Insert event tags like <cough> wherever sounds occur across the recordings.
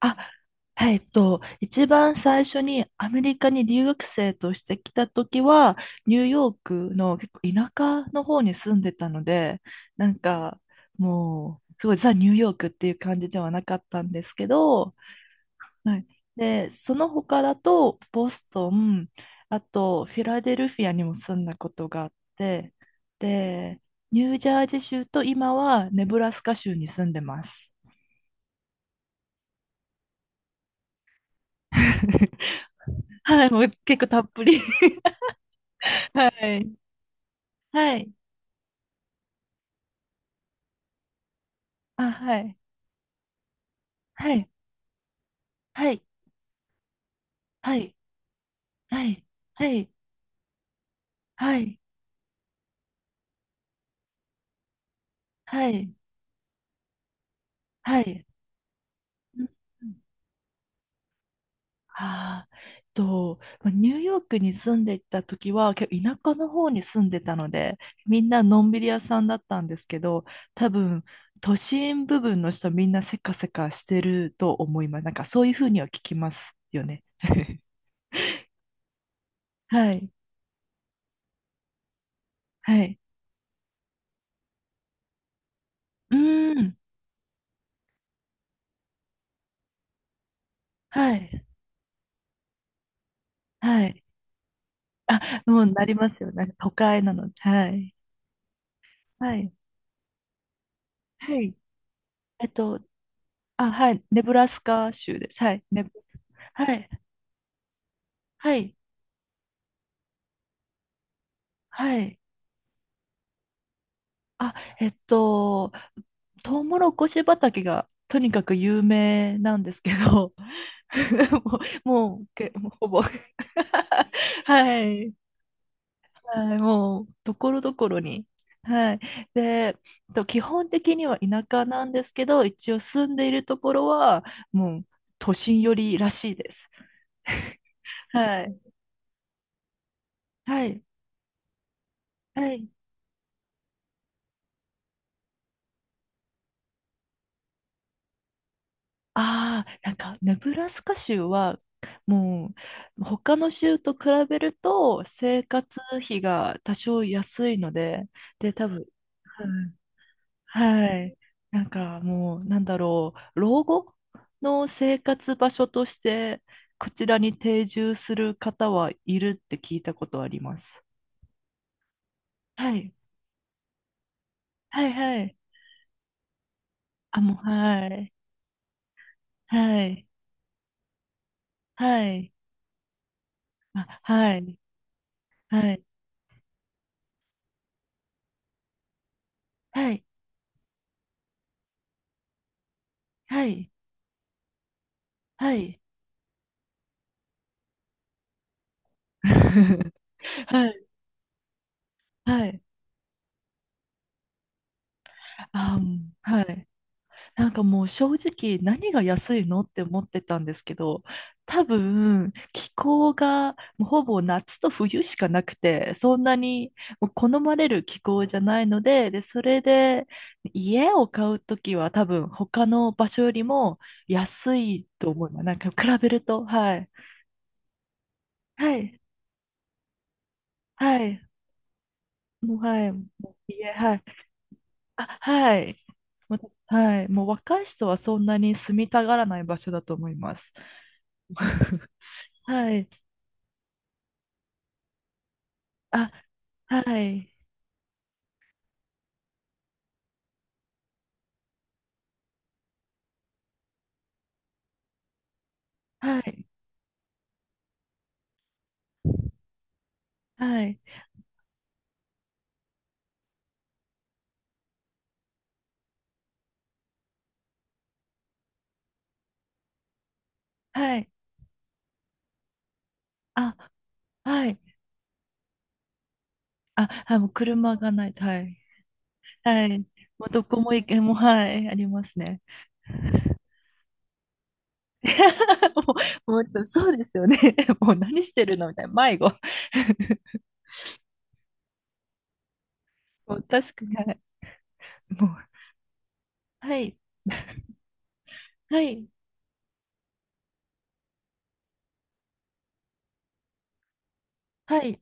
あ、はい、一番最初にアメリカに留学生として来た時は、ニューヨークの結構田舎の方に住んでたので、なんかもう、すごいザ・ニューヨークっていう感じではなかったんですけど、はい、で、その他だと、ボストン、あとフィラデルフィアにも住んだことがあって、で、ニュージャージー州と今はネブラスカ州に住んでます。<laughs> はい、もう結構たっぷり、はい。はい。あ、はい。はい。はい。はい。はい。はい。はい。はい。はい。うんうん、まあニューヨークに住んでいた時は、結構田舎の方に住んでたので、みんなのんびり屋さんだったんですけど、多分、都心部分の人みんなせかせかしてると思います。なんかそういうふうには聞きますよね。<laughs> はい。はい。うーん。はい。はい。もうなりますよ。なんか都会なので。はい。はい。はい。えっと、あ、はい。ネブラスカ州です。はい。ネブ、はい。はい。はい。あ、えっと、トウモロコシ畑がとにかく有名なんですけど、<laughs> ももうほぼ。はい。はい。もう、ところどころに。はい。で、と基本的には田舎なんですけど、一応住んでいるところは、もう、都心寄りらしいです。はい。はい。はい。ああ、なんか、ネブラスカ州は、もう、他の州と比べると、生活費が多少安いので、で、多分、はい。なんか、もう、なんだろう、老後の生活場所として、こちらに定住する方はいるって聞いたことあります。はい。はい、はい。あ、もう、はい。はい。はい。あ、はい。はい。はい。はい。はい。<laughs> はい、はい。あ、うん、はい。なんかもう正直何が安いのって思ってたんですけど、多分気候がもうほぼ夏と冬しかなくて、そんなにもう好まれる気候じゃないので、で、それで家を買うときは多分他の場所よりも安いと思います。なんか比べると、はい。はい。はい。もう、はい。もう家、はい。あ、はい。もう、はい。もう若い人はそんなに住みたがらない場所だと思います。<laughs> はい。あ、はい。はい。はい。はい。あ、はい。あ、はい。もう車がないと。はい。はい。もうどこも行け、もう、はい。ありますね。<laughs> もう、もうそうですよね。<laughs> もう何してるのみたいな。迷子。<laughs> もう確かに、はい。もう、はい。はい。はい。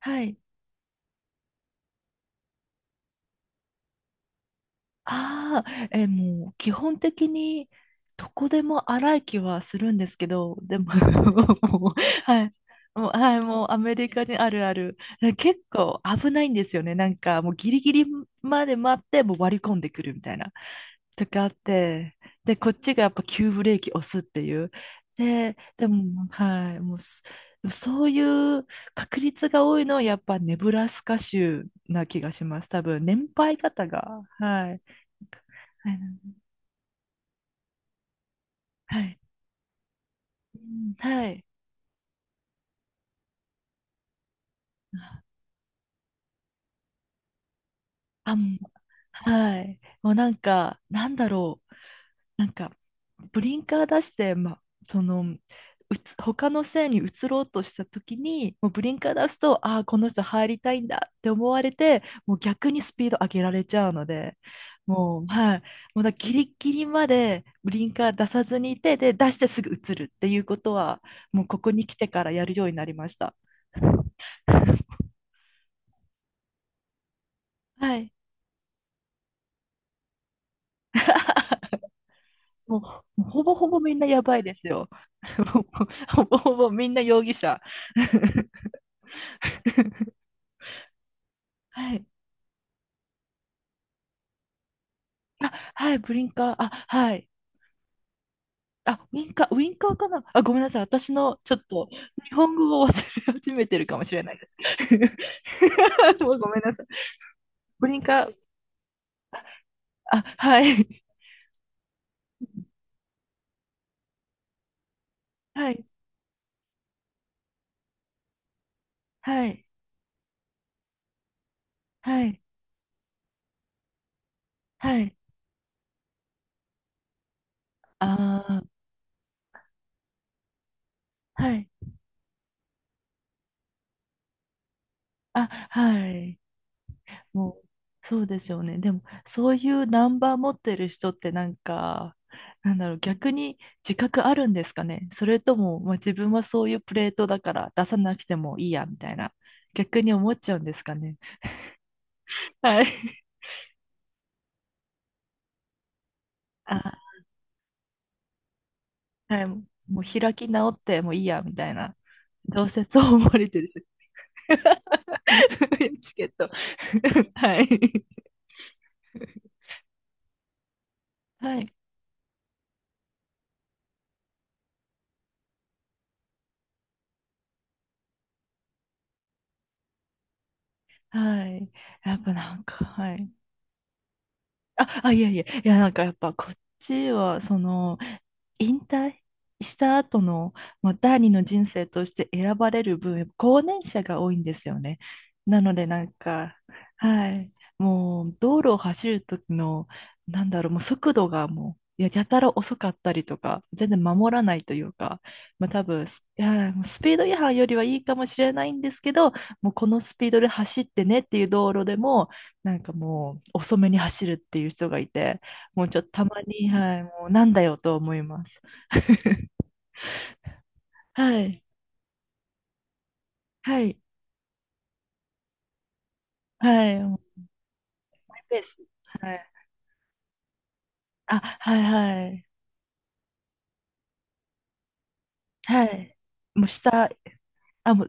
はい。はい。ああ、もう基本的にどこでも荒い気はするんですけど、でも <laughs> もう、<laughs> はい。もう、はい、もうアメリカ人あるある。結構危ないんですよね。なんかもうギリギリまで待って、もう割り込んでくるみたいな。とかあって、で、こっちがやっぱ急ブレーキ押すっていう。でも、はい、もうす、そういう確率が多いのはやっぱネブラスカ州な気がします。多分、年配方が、はい、はい、はい。うん、はい。あ、もう、はい。もうなんか、なんだろう。なんか、ブリンカー出して、ま、その、他の線に移ろうとした時に、もうブリンカー出すと、ああ、この人入りたいんだって思われて、もう逆にスピード上げられちゃうので、もう、はい。もうギリギリまでブリンカー出さずにいて、で、出してすぐ移るっていうことは、もうここに来てからやるようになりました。<laughs> はい。もう、もうほぼほぼみんなやばいですよ。<laughs> もうほぼほぼみんな容疑者。<laughs> はい。あ、はい、ブリンカー。あ、はい。あ、ウィンカー、ウィンカーかなあ、ごめんなさい。私のちょっと日本語を忘れ始めてるかもしれないです。<laughs> もうごめんなさい。ブリンカー、あ、はい。はい。はい。はい。はい。あー、はい。あ、はい。もうそうですよね。でも、そういうナンバー持ってる人ってなんか、なんだろう、逆に自覚あるんですかね。それとも、まあ、自分はそういうプレートだから出さなくてもいいや、みたいな、逆に思っちゃうんですかね。<laughs> はい。<laughs> あ、はい。もう開き直ってもういいや、みたいな。どうせそう思われてるし。<laughs> チケット。<laughs> はい。<laughs> はい。はい。やっぱなんか、はい。あ、あ、いやいや、いや、なんかやっぱこっちは、その、引退した後の、まあ、第二の人生として選ばれる分、高年者が多いんですよね。なので、なんか、はい、もう、道路を走る時の、なんだろう、もう速度がもう、いや、やたら遅かったりとか、全然守らないというか、まあ多分、すいや、もうスピード違反よりはいいかもしれないんですけど、もうこのスピードで走ってねっていう道路でも、なんかもう遅めに走るっていう人がいて、もうちょっとたまに、はい、もうなんだよと思います。はい、はい、はい、もうマイペース。はい、あ、はい、はい、はい。もう下、あ、もう、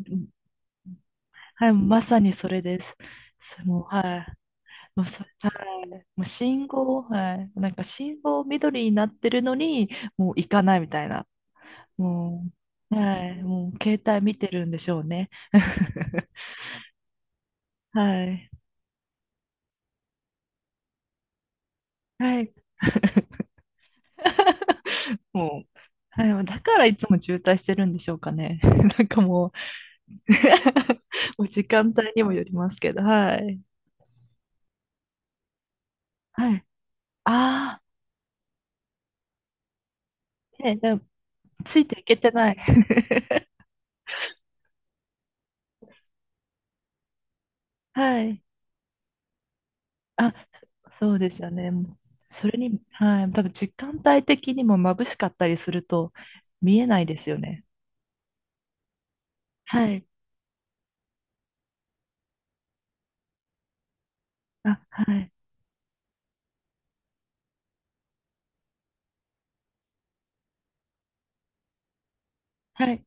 はい、まさにそれです。すもう、はい。もうはい。もう信号、はい。なんか信号緑になってるのに、もう行かないみたいな。もう、はい。もう携帯見てるんでしょうね。<laughs> はい。はい。もう、はい、だからいつも渋滞してるんでしょうかね。<laughs> なんかもう <laughs> もう時間帯にもよりますけど、はい。はい。ああ、ね、でもついていけてない。<laughs> はい。あ、そうですよね。もうそれに、はい、多分時間帯的にも眩しかったりすると見えないですよね。はい。あ、はい。はい。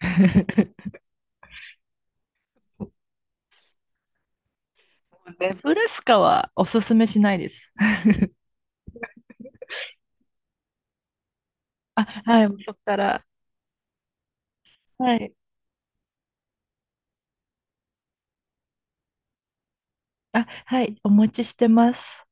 <laughs> ネブラスカはおすすめしないです。あ、はい、もうそこから。はい、あ、はい、お持ちしてます。